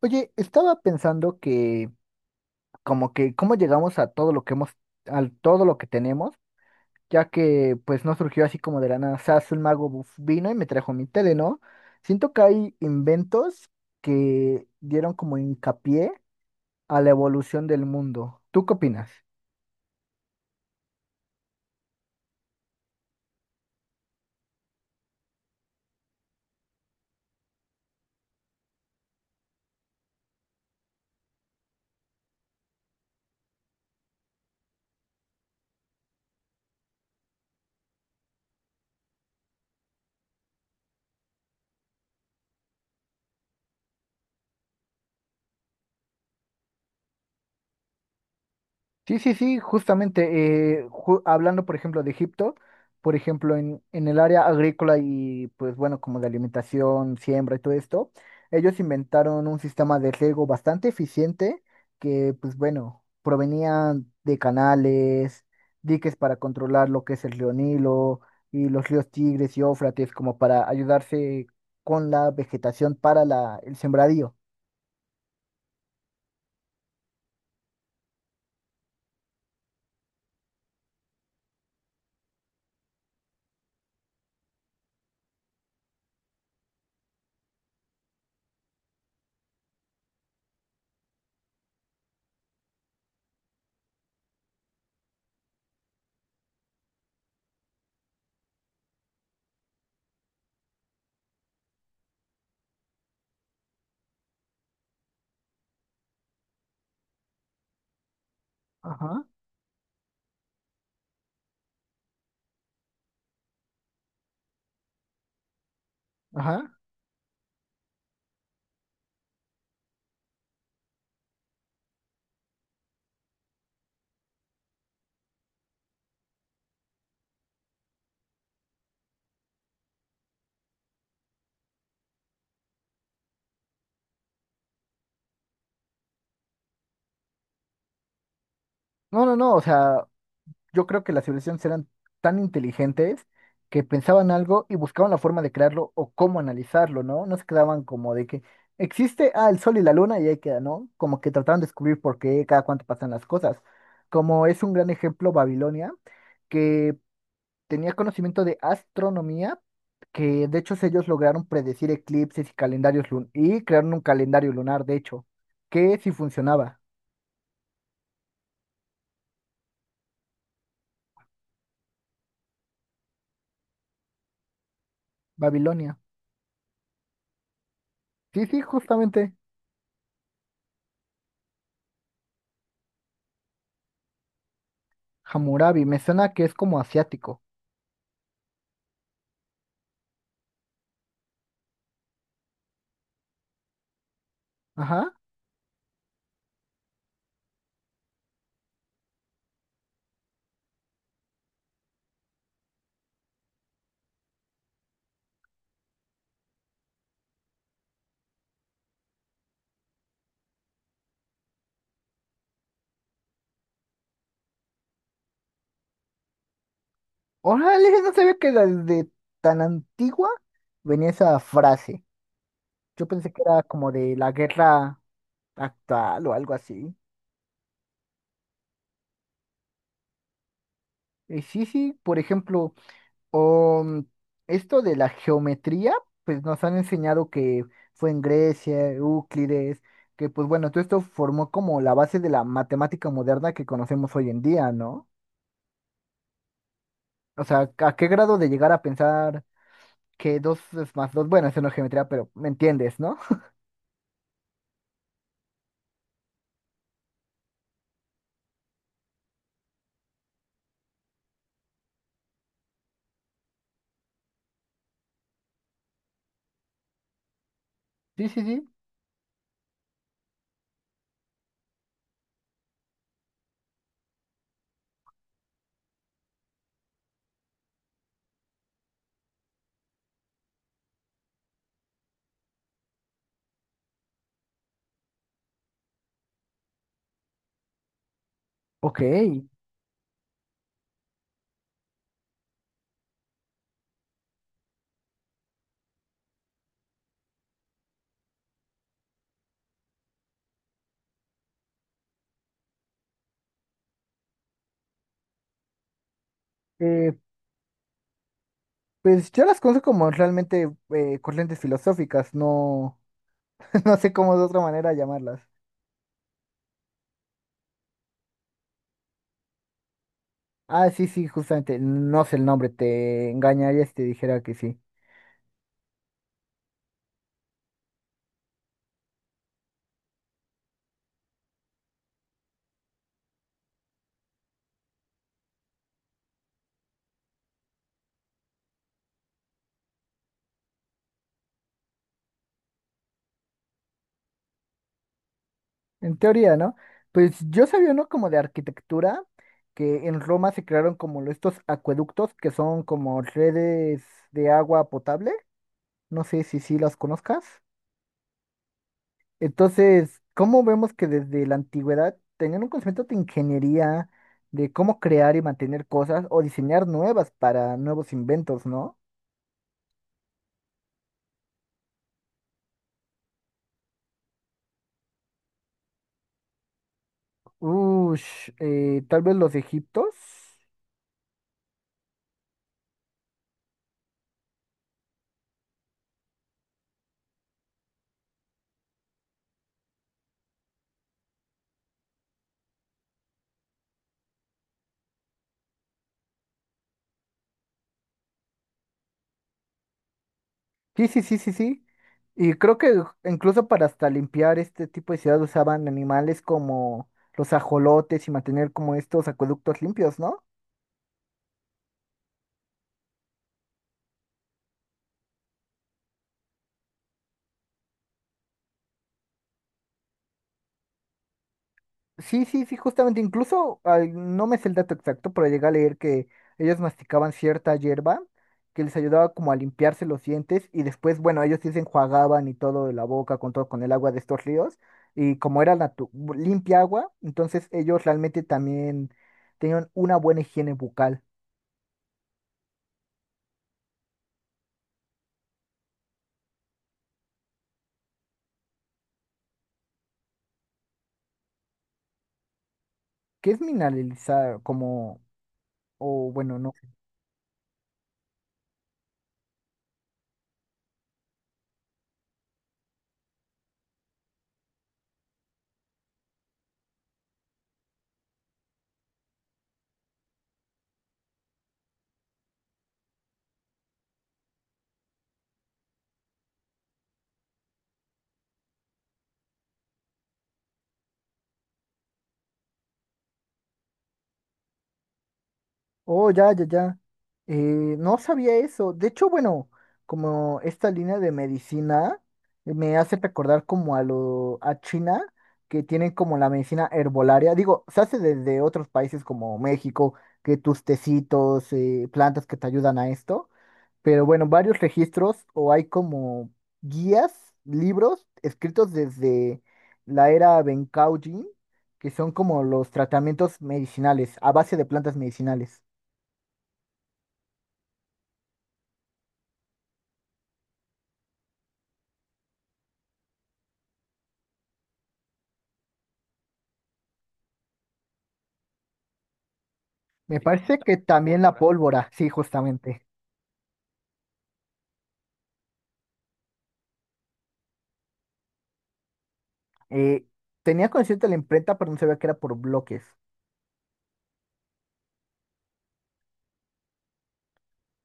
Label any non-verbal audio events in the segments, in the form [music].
Oye, estaba pensando que como que cómo llegamos a todo lo que hemos, a todo lo que tenemos, ya que pues no surgió así como de la nada. O sea, un mago vino y me trajo mi tele, ¿no? Siento que hay inventos que dieron como hincapié a la evolución del mundo. ¿Tú qué opinas? Sí, sí, sí, justamente, hablando por ejemplo de Egipto, por ejemplo en el área agrícola y pues bueno, como de alimentación, siembra y todo esto, ellos inventaron un sistema de riego bastante eficiente que pues bueno, provenía de canales, diques para controlar lo que es el río Nilo y los ríos Tigres y Éufrates como para ayudarse con la vegetación para el sembradío. Ajá, ajá. No, no, no, o sea, yo creo que las civilizaciones eran tan inteligentes que pensaban algo y buscaban la forma de crearlo o cómo analizarlo, ¿no? No se quedaban como de que existe, ah, el sol y la luna y ahí queda, ¿no? Como que trataban de descubrir por qué, cada cuánto pasan las cosas. Como es un gran ejemplo Babilonia, que tenía conocimiento de astronomía, que de hecho ellos lograron predecir eclipses y calendarios lun y crearon un calendario lunar, de hecho, que sí funcionaba. Babilonia. Sí, sí, justamente. Hammurabi, me suena que es como asiático. Ajá. Órale, no sabía que desde tan antigua venía esa frase. Yo pensé que era como de la guerra actual o algo así. Y sí, sí, por ejemplo, um, esto de la geometría, pues nos han enseñado que fue en Grecia, Euclides, que pues bueno, todo esto formó como la base de la matemática moderna que conocemos hoy en día, ¿no? O sea, ¿a qué grado de llegar a pensar que 2 es más dos? Bueno, eso no es geometría, pero me entiendes, ¿no? Sí, sí, sí. Ok. Pues yo las conozco como realmente corrientes filosóficas, no, [laughs] no sé cómo de otra manera llamarlas. Ah, sí, sí, justamente, no sé el nombre, te engañaría si te dijera que sí. En teoría, ¿no? Pues yo sabía, ¿no? Como de arquitectura, que en Roma se crearon como estos acueductos que son como redes de agua potable. No sé si sí las conozcas. Entonces, ¿cómo vemos que desde la antigüedad tenían un concepto de ingeniería, de cómo crear y mantener cosas o diseñar nuevas para nuevos inventos, ¿no? Ush, tal vez los egiptos. Sí, sí, sí, sí, sí. Y creo que incluso para hasta limpiar este tipo de ciudad usaban animales como los ajolotes y mantener como estos acueductos limpios, ¿no? Sí, sí, sí, justamente, incluso ay, no me sé el dato exacto, pero llegué a leer que ellos masticaban cierta hierba que les ayudaba como a limpiarse los dientes y después, bueno, ellos sí se enjuagaban y todo de la boca con el agua de estos ríos y como era limpia agua, entonces ellos realmente también tenían una buena higiene bucal, que es mineralizar como, o bueno, no. Oh, ya, ya, ya. Eh, no sabía eso. De hecho, bueno, como esta línea de medicina me hace recordar como a China, que tienen como la medicina herbolaria. Digo, se hace desde otros países como México, que tus tecitos, plantas que te ayudan a esto. Pero bueno, varios registros o hay como guías, libros escritos desde la era Bencao Jin, que son como los tratamientos medicinales, a base de plantas medicinales. Me parece que también la pólvora, sí, justamente. Eh, tenía consciente la imprenta, pero no sabía que era por bloques.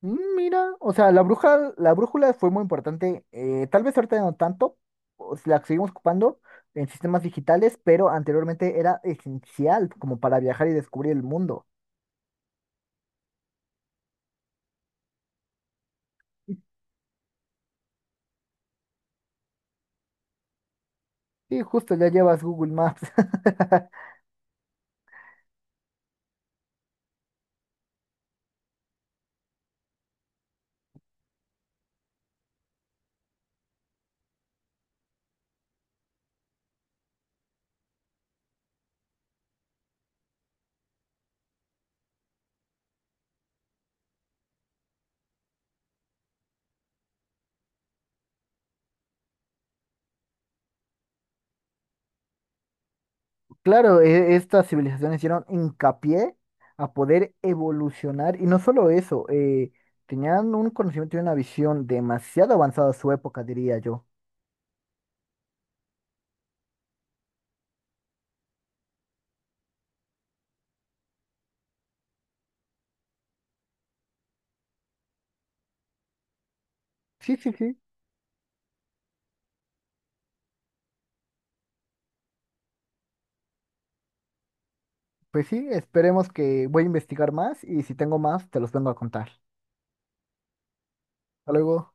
Mm, mira, o sea, la brújula fue muy importante. Eh, tal vez ahorita no tanto, o si la seguimos ocupando en sistemas digitales, pero anteriormente era esencial como para viajar y descubrir el mundo. Sí, justo, ya llevas Google Maps. [laughs] Claro, estas civilizaciones hicieron hincapié a poder evolucionar y no solo eso, tenían un conocimiento y una visión demasiado avanzada a su época, diría yo. Sí, sí, sí. Pues sí, esperemos que voy a investigar más y si tengo más, te los vengo a contar. Hasta luego.